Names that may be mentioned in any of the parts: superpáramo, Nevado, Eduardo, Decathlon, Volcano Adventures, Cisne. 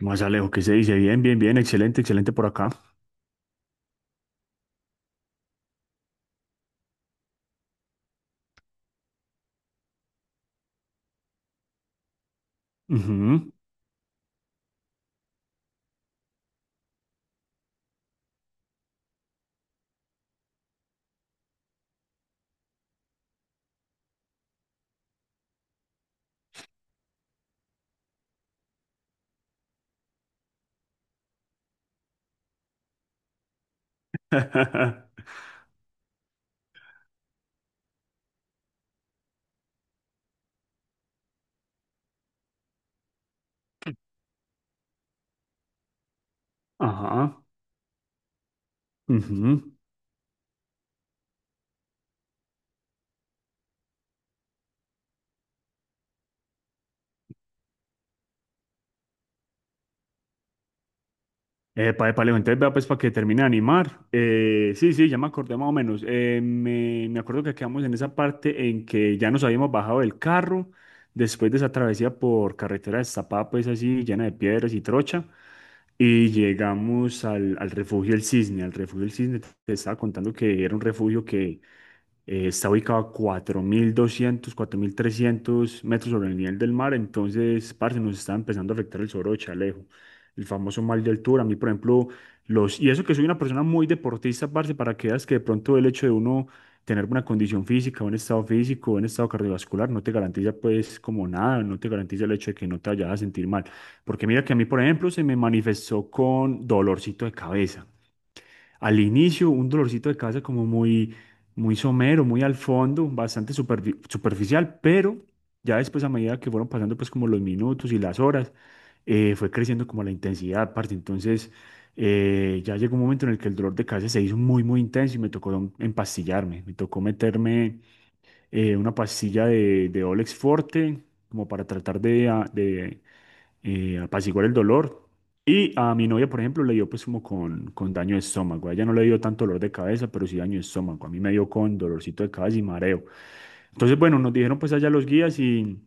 Más Alejo, ¿qué se dice? Bien, bien, bien, excelente, excelente por acá. Ujú. Ajá. Ujú. Epa, epa, Leo, entonces vea pues para que termine de animar. Sí, sí, ya me acordé más o menos. Me acuerdo que quedamos en esa parte en que ya nos habíamos bajado del carro después de esa travesía por carretera destapada, pues así llena de piedras y trocha, y llegamos al refugio del Cisne. Al refugio del Cisne te estaba contando que era un refugio que está ubicado a 4.200, 4.300 metros sobre el nivel del mar. Entonces, parce, nos está empezando a afectar el soro de Chalejo, el famoso mal de altura. A mí, por ejemplo, y eso que soy una persona muy deportista, parce, para que veas que de pronto el hecho de uno tener una condición física, un estado físico, un estado cardiovascular, no te garantiza pues como nada, no te garantiza el hecho de que no te vayas a sentir mal. Porque mira que a mí, por ejemplo, se me manifestó con dolorcito de cabeza al inicio, un dolorcito de cabeza como muy, muy somero, muy al fondo, bastante superficial. Pero ya después, a medida que fueron pasando pues como los minutos y las horas, fue creciendo como la intensidad, parte. Entonces, ya llegó un momento en el que el dolor de cabeza se hizo muy, muy intenso y me tocó empastillarme, me tocó meterme una pastilla de Olex Forte, como para tratar de, apaciguar el dolor. Y a mi novia, por ejemplo, le dio pues como con daño de estómago. A ella no le dio tanto dolor de cabeza, pero sí daño de estómago. A mí me dio con dolorcito de cabeza y mareo. Entonces, bueno, nos dijeron pues allá los guías y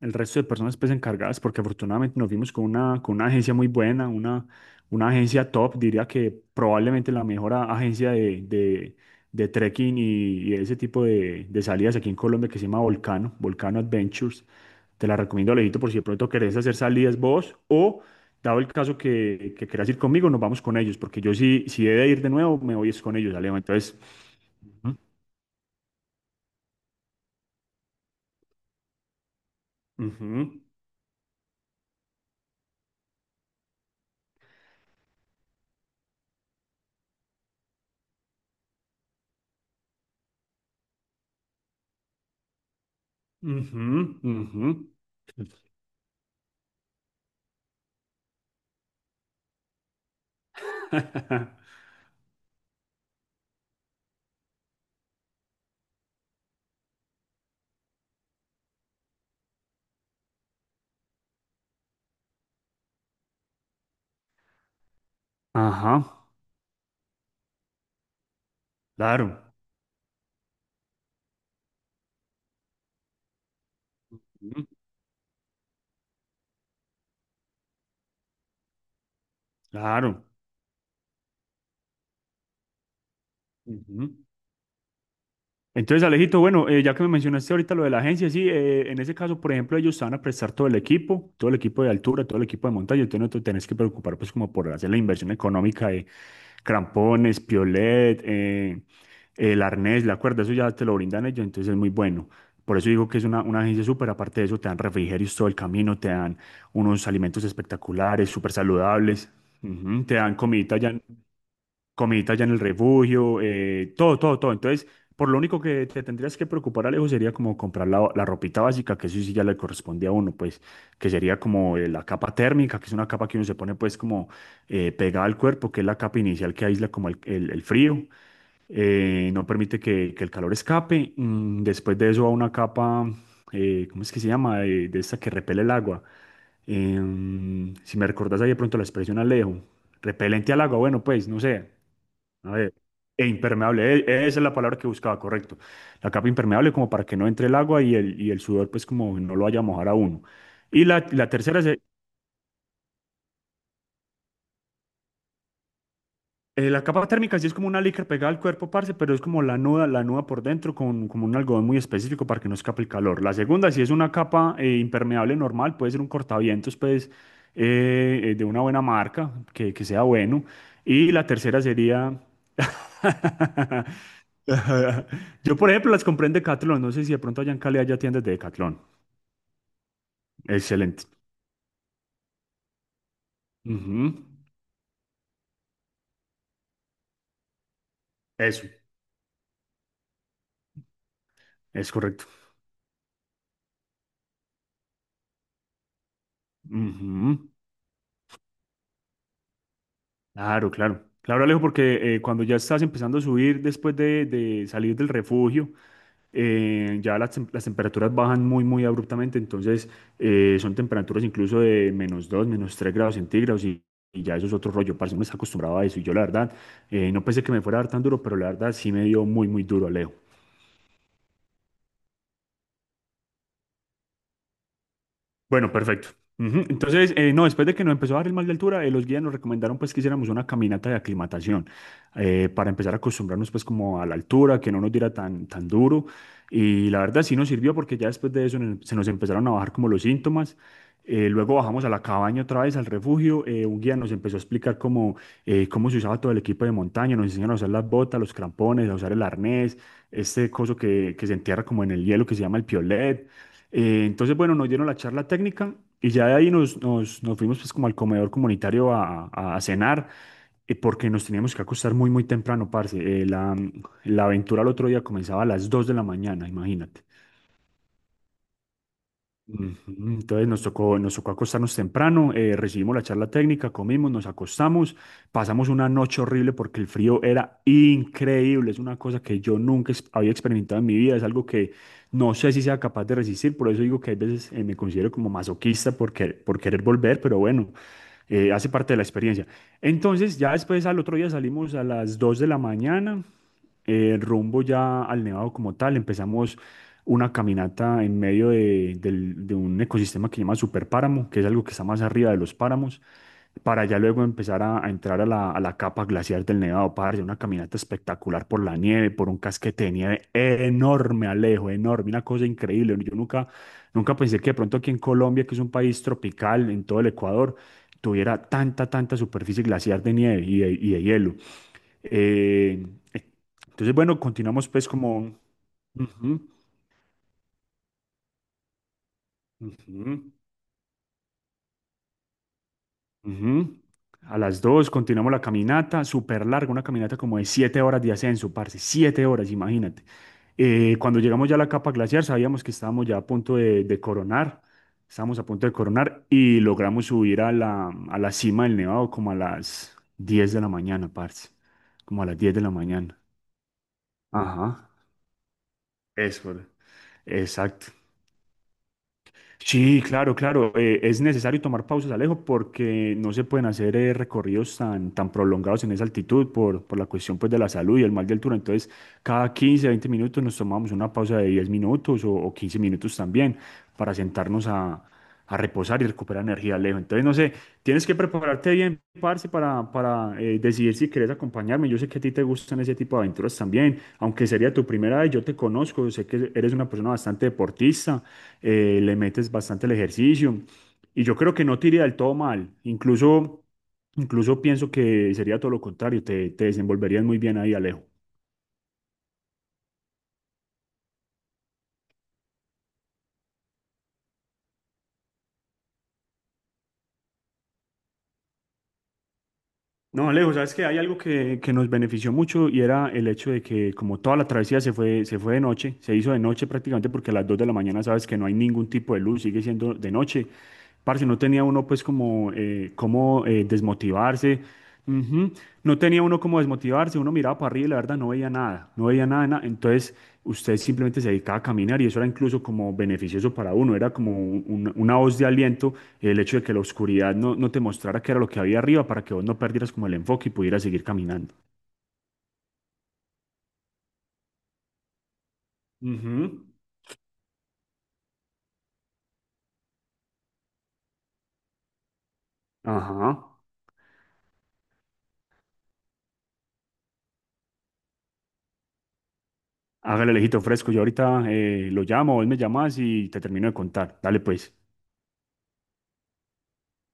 el resto de personas pues encargadas, porque afortunadamente nos vimos con con una agencia muy buena, una agencia top, diría que probablemente la mejor agencia de trekking y ese tipo de salidas aquí en Colombia, que se llama Volcano Adventures. Te la recomiendo, Alejito, por si de pronto querés hacer salidas vos, o dado el caso que quieras ir conmigo, nos vamos con ellos, porque yo sí, si he de ir de nuevo, me voy es con ellos, Alejo. Entonces, ujú, ujú, ujú, ujú. Ajá, claro, ujú, claro. Ujú. Entonces, Alejito, bueno, ya que me mencionaste ahorita lo de la agencia, sí, en ese caso, por ejemplo, ellos te van a prestar todo el equipo de altura, todo el equipo de montaña, entonces no te tenés que preocupar pues como por hacer la inversión económica de crampones, piolet, el arnés, la cuerda. Eso ya te lo brindan ellos, entonces es muy bueno. Por eso digo que es una agencia súper. Aparte de eso, te dan refrigerios todo el camino, te dan unos alimentos espectaculares, súper saludables, ujú, te dan comidita ya, comidita allá en el refugio. Todo, todo, todo. Entonces, por lo único que te tendrías que preocupar, Alejo, sería como comprar la ropita básica, que eso sí ya le corresponde a uno, pues. Que sería como la capa térmica, que es una capa que uno se pone pues como pegada al cuerpo, que es la capa inicial que aísla como el frío. No permite que el calor escape. Después de eso va una capa, ¿cómo es que se llama? De esta que repele el agua. Si me recordás ahí de pronto la expresión, Alejo, repelente al agua, bueno, pues, no sé. A ver, e impermeable, esa es la palabra que buscaba, correcto. La capa impermeable como para que no entre el agua, y y el sudor pues como no lo vaya a mojar a uno. Y la tercera es, la capa térmica sí es como una licra pegada al cuerpo, parce, pero es como la nuda por dentro, con como un algodón muy específico para que no escape el calor. La segunda sí es una capa impermeable normal, puede ser un cortavientos, pues de una buena marca, que sea bueno. Y la tercera sería... Ajá. Yo, por ejemplo, las compré en Decathlon. No sé si de pronto allá en Cali haya tiendas de Decathlon. Excelente. Ujú. Eso, es correcto. Ujú. Claro, claro. Claro, Alejo, porque cuando ya estás empezando a subir después de salir del refugio, ya las temperaturas bajan muy, muy abruptamente. Entonces, son temperaturas incluso de -2, -3 grados centígrados, y ya eso es otro rollo. Parce, uno está acostumbrado a eso. Y yo, la verdad, no pensé que me fuera a dar tan duro, pero la verdad sí me dio muy, muy duro, Alejo. Bueno, perfecto. Ujú. Entonces, no, después de que nos empezó a dar el mal de altura, los guías nos recomendaron pues que hiciéramos una caminata de aclimatación, para empezar a acostumbrarnos pues como a la altura, que no nos diera tan, tan duro. Y la verdad sí nos sirvió porque ya después de eso se nos empezaron a bajar como los síntomas. Luego bajamos a la cabaña otra vez, al refugio. Un guía nos empezó a explicar cómo, cómo se usaba todo el equipo de montaña. Nos enseñaron a usar las botas, los crampones, a usar el arnés, este coso que se entierra como en el hielo, que se llama el piolet. Entonces, bueno, nos dieron la charla técnica, y ya de ahí nos fuimos pues como al comedor comunitario a cenar, porque nos teníamos que acostar muy, muy temprano, parce. La aventura al otro día comenzaba a las 2 de la mañana, imagínate. Ujú. Entonces nos tocó acostarnos temprano, recibimos la charla técnica, comimos, nos acostamos. Pasamos una noche horrible porque el frío era increíble, es una cosa que yo nunca había experimentado en mi vida, es algo que no sé si sea capaz de resistir. Por eso digo que hay veces me considero como masoquista por por querer volver, pero bueno, hace parte de la experiencia. Entonces ya después, al otro día, salimos a las 2 de la mañana, rumbo ya al Nevado como tal. Empezamos una caminata en medio de un ecosistema que se llama superpáramo, que es algo que está más arriba de los páramos, para ya luego empezar a entrar a a la capa glaciar del Nevado, parce, una caminata espectacular por la nieve, por un casquete de nieve enorme, Alejo, enorme, una cosa increíble. Yo nunca, nunca pensé que de pronto aquí en Colombia, que es un país tropical, en todo el Ecuador, tuviera tanta, tanta superficie glaciar de nieve y de hielo. Eh, entonces, bueno, continuamos pues como... Ujú, ujú. Ujú. A las 2 continuamos la caminata, súper larga, una caminata como de 7 horas de ascenso, parce. 7 horas, imagínate. Cuando llegamos ya a la capa glaciar, sabíamos que estábamos ya a punto de coronar, estábamos a punto de coronar, y logramos subir a a la cima del nevado como a las 10 de la mañana, parce, como a las 10 de la mañana. Ajá, eso, exacto. Sí, claro, claro. Es necesario tomar pausas, Alejo, porque no se pueden hacer recorridos tan, tan prolongados en esa altitud por la cuestión, pues, de la salud y el mal de altura. Entonces, cada 15, 20 minutos nos tomamos una pausa de 10 minutos o 15 minutos también, para sentarnos a reposar y recuperar energía, Alejo. Entonces, no sé, tienes que prepararte bien, parce, para decidir si quieres acompañarme. Yo sé que a ti te gustan ese tipo de aventuras también, aunque sería tu primera vez. Yo te conozco, sé que eres una persona bastante deportista, le metes bastante el ejercicio, y yo creo que no te iría del todo mal. Incluso, incluso pienso que sería todo lo contrario, te desenvolverías muy bien ahí, Alejo. No, Alejo, sabes que hay algo que nos benefició mucho, y era el hecho de que como toda la travesía se fue de noche, se hizo de noche prácticamente, porque a las 2 de la mañana sabes que no hay ningún tipo de luz, sigue siendo de noche. Parce, no tenía uno pues como cómo desmotivarse. Ujú. No tenía uno como desmotivarse, uno miraba para arriba y la verdad no veía nada, no veía nada, nada. Entonces usted simplemente se dedicaba a caminar, y eso era incluso como beneficioso para uno, era como una voz de aliento, el hecho de que la oscuridad no te mostrara qué era lo que había arriba, para que vos no perdieras como el enfoque y pudieras seguir caminando. Ujú. Ajá. Hágale, lejito fresco, yo ahorita lo llamo, vos me llamas y te termino de contar. Dale pues.